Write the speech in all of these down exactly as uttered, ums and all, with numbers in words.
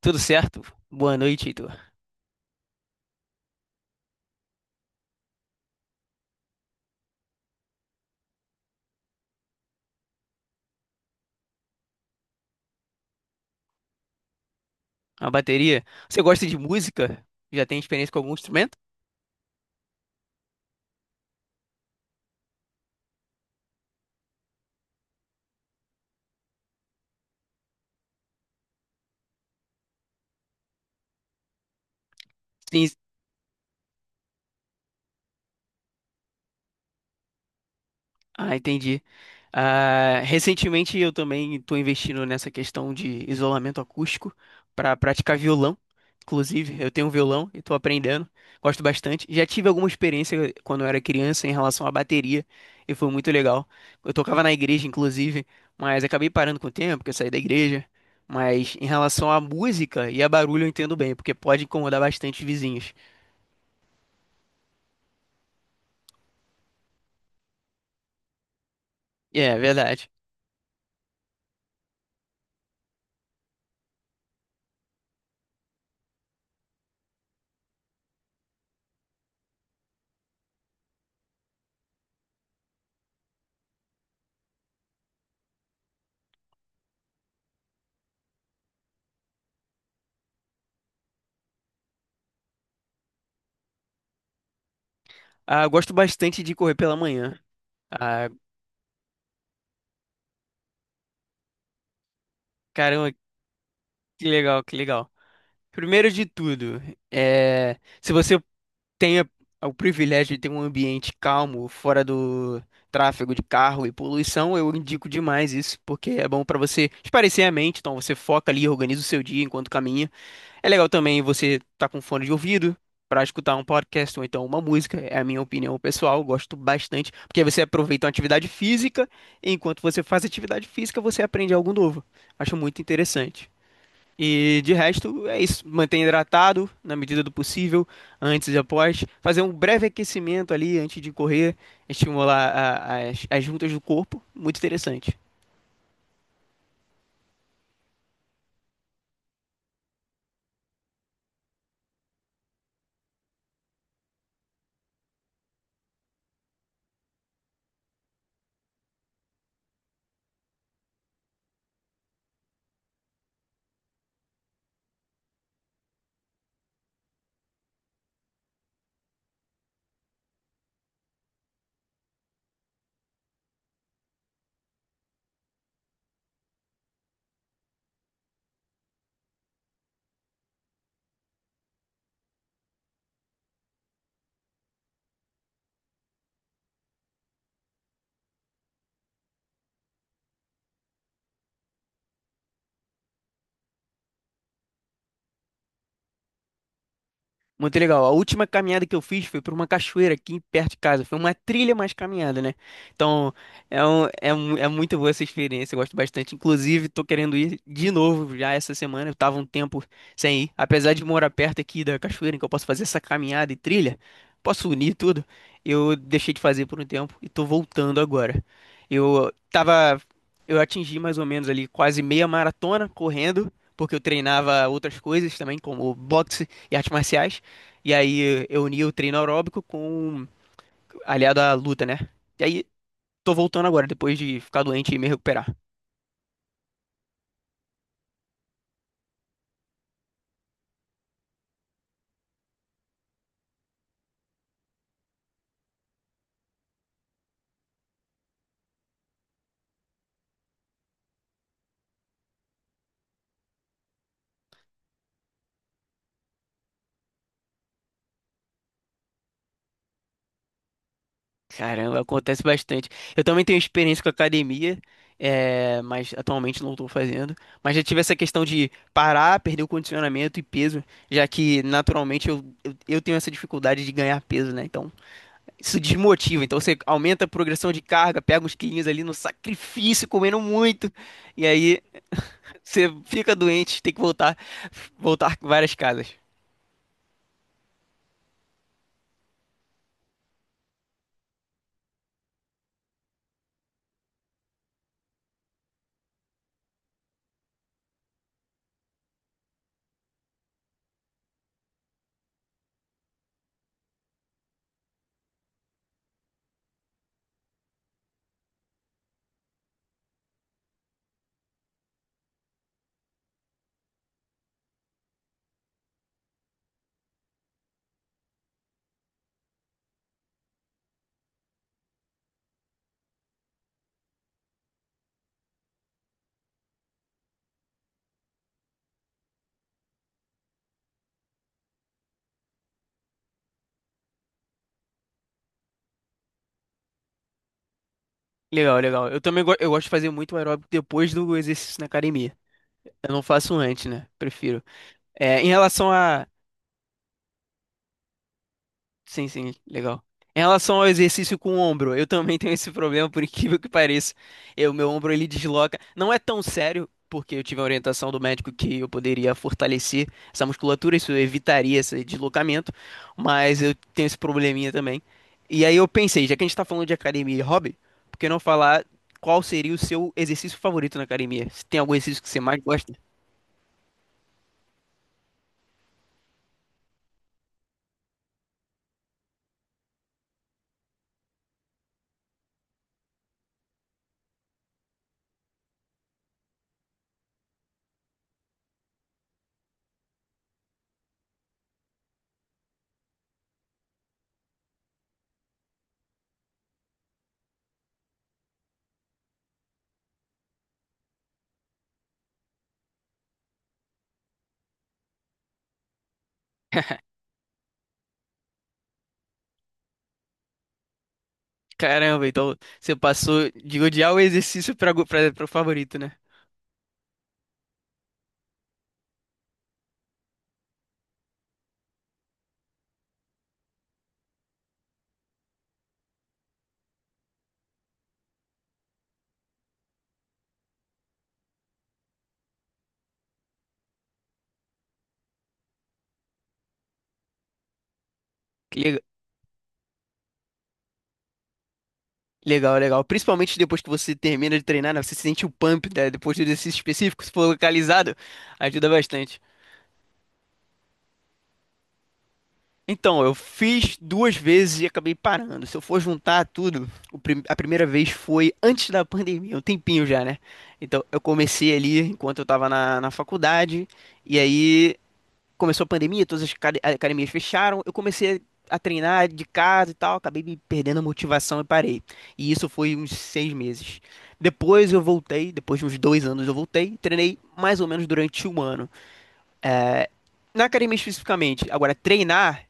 Tudo certo? Boa noite, Heitor. A bateria. Você gosta de música? Já tem experiência com algum instrumento? Sim, ah, entendi. Ah, recentemente eu também estou investindo nessa questão de isolamento acústico para praticar violão. Inclusive, eu tenho um violão e estou aprendendo, gosto bastante. Já tive alguma experiência quando eu era criança em relação à bateria e foi muito legal. Eu tocava na igreja, inclusive, mas acabei parando com o tempo, porque eu saí da igreja. Mas em relação à música e a barulho eu entendo bem, porque pode incomodar bastante os vizinhos. É, é verdade. Ah, eu gosto bastante de correr pela manhã. Ah, caramba. Que legal, que legal. Primeiro de tudo, é, se você tem a- o privilégio de ter um ambiente calmo, fora do tráfego de carro e poluição, eu indico demais isso, porque é bom para você espairecer a mente, então você foca ali, organiza o seu dia enquanto caminha. É legal também você tá com fone de ouvido para escutar um podcast ou então uma música. É a minha opinião pessoal, eu gosto bastante, porque aí você aproveita uma atividade física, e enquanto você faz atividade física, você aprende algo novo. Acho muito interessante. E de resto, é isso. Manter hidratado na medida do possível, antes e após. Fazer um breve aquecimento ali antes de correr, estimular a- as, as juntas do corpo. Muito interessante. Muito legal. A última caminhada que eu fiz foi por uma cachoeira aqui perto de casa. Foi uma trilha mais caminhada, né? Então, é, um- é, um é muito boa essa experiência. Eu gosto bastante. Inclusive, tô querendo ir de novo já essa semana. Eu tava um tempo sem ir. Apesar de morar perto aqui da cachoeira, em que eu posso fazer essa caminhada e trilha, posso unir tudo. Eu deixei de fazer por um tempo e tô voltando agora. Eu tava. Eu atingi mais ou menos ali quase meia maratona correndo, porque eu treinava outras coisas também, como boxe e artes marciais. E aí eu uni o treino aeróbico com aliado à luta, né? E aí tô voltando agora, depois de ficar doente e me recuperar. Caramba, acontece bastante. Eu também tenho experiência com academia, é, mas atualmente não estou fazendo. Mas já tive essa questão de parar, perder o condicionamento e peso, já que naturalmente eu, eu, eu tenho essa dificuldade de ganhar peso, né? Então isso desmotiva. Então você aumenta a progressão de carga, pega uns quilinhos ali no sacrifício, comendo muito. E aí você fica doente, tem que voltar, voltar com várias casas. Legal, legal. Eu também go- eu gosto de fazer muito aeróbico depois do exercício na academia. Eu não faço antes, né? Prefiro. É, em relação a sim, sim, legal. Em relação ao exercício com o ombro, eu também tenho esse problema, por incrível que pareça. Eu, meu ombro ele desloca. Não é tão sério, porque eu tive a orientação do médico que eu poderia fortalecer essa musculatura, isso evitaria esse deslocamento, mas eu tenho esse probleminha também. E aí eu pensei, já que a gente tá falando de academia e hobby, por que não falar qual seria o seu exercício favorito na academia? Se tem algum exercício que você mais gosta? Caramba, então você passou de odiar o exercício para para o favorito, né? Que legal, legal. Principalmente depois que você termina de treinar, né? Você sente o pump, né? Depois do exercício específico, se for localizado, ajuda bastante. Então, eu fiz duas vezes e acabei parando. Se eu for juntar tudo, o prim- a primeira vez foi antes da pandemia, um tempinho já, né? Então, eu comecei ali enquanto eu tava na, na faculdade, e aí começou a pandemia, todas as acad- academias fecharam, eu comecei a treinar de casa e tal, acabei me perdendo a motivação e parei. E isso foi uns seis meses. Depois eu voltei, depois de uns dois anos eu voltei, treinei mais ou menos durante um ano. Na academia especificamente, agora treinar,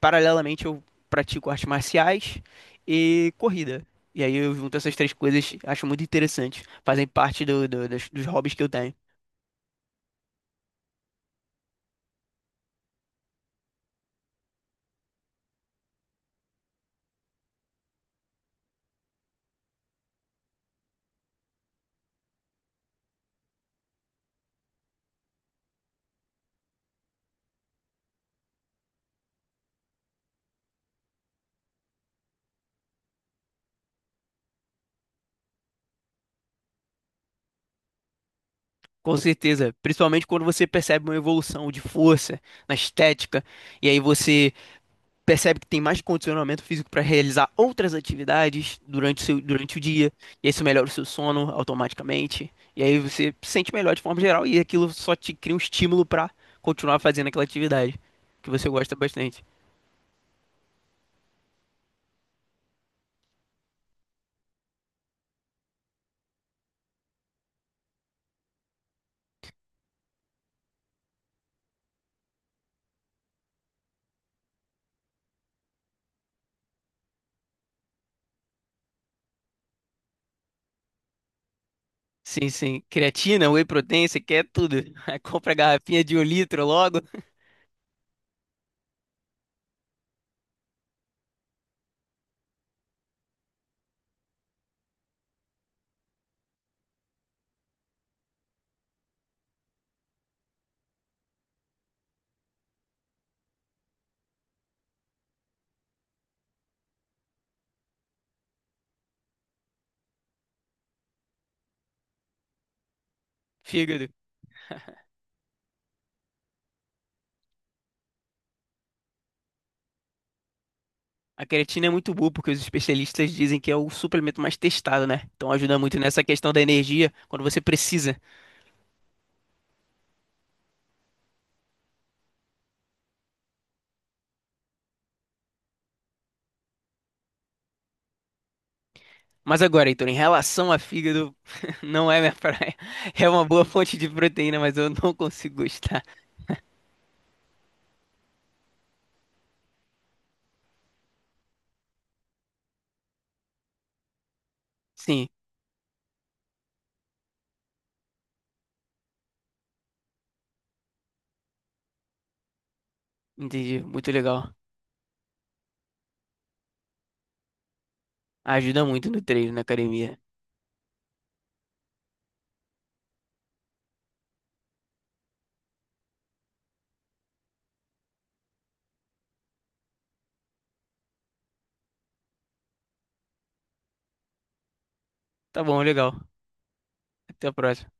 paralelamente eu pratico artes marciais e corrida. E aí eu junto essas três coisas, acho muito interessante, fazem parte do- do- das- dos hobbies que eu tenho. Com certeza, principalmente quando você percebe uma evolução de força na estética, e aí você percebe que tem mais condicionamento físico para realizar outras atividades durante o seu, durante o dia, e aí isso melhora o seu sono automaticamente, e aí você se sente melhor de forma geral, e aquilo só te cria um estímulo para continuar fazendo aquela atividade que você gosta bastante. Sim, sim. Creatina, whey protein, você quer tudo. Aí compra a garrafinha de um litro logo, fígado. A creatina é muito boa porque os especialistas dizem que é o suplemento mais testado, né? Então ajuda muito nessa questão da energia quando você precisa. Mas agora, Heitor, em relação a fígado, não é minha praia. É uma boa fonte de proteína, mas eu não consigo gostar. Sim, entendi. Muito legal. Ajuda muito no treino, na academia. Tá bom, legal. Até a próxima.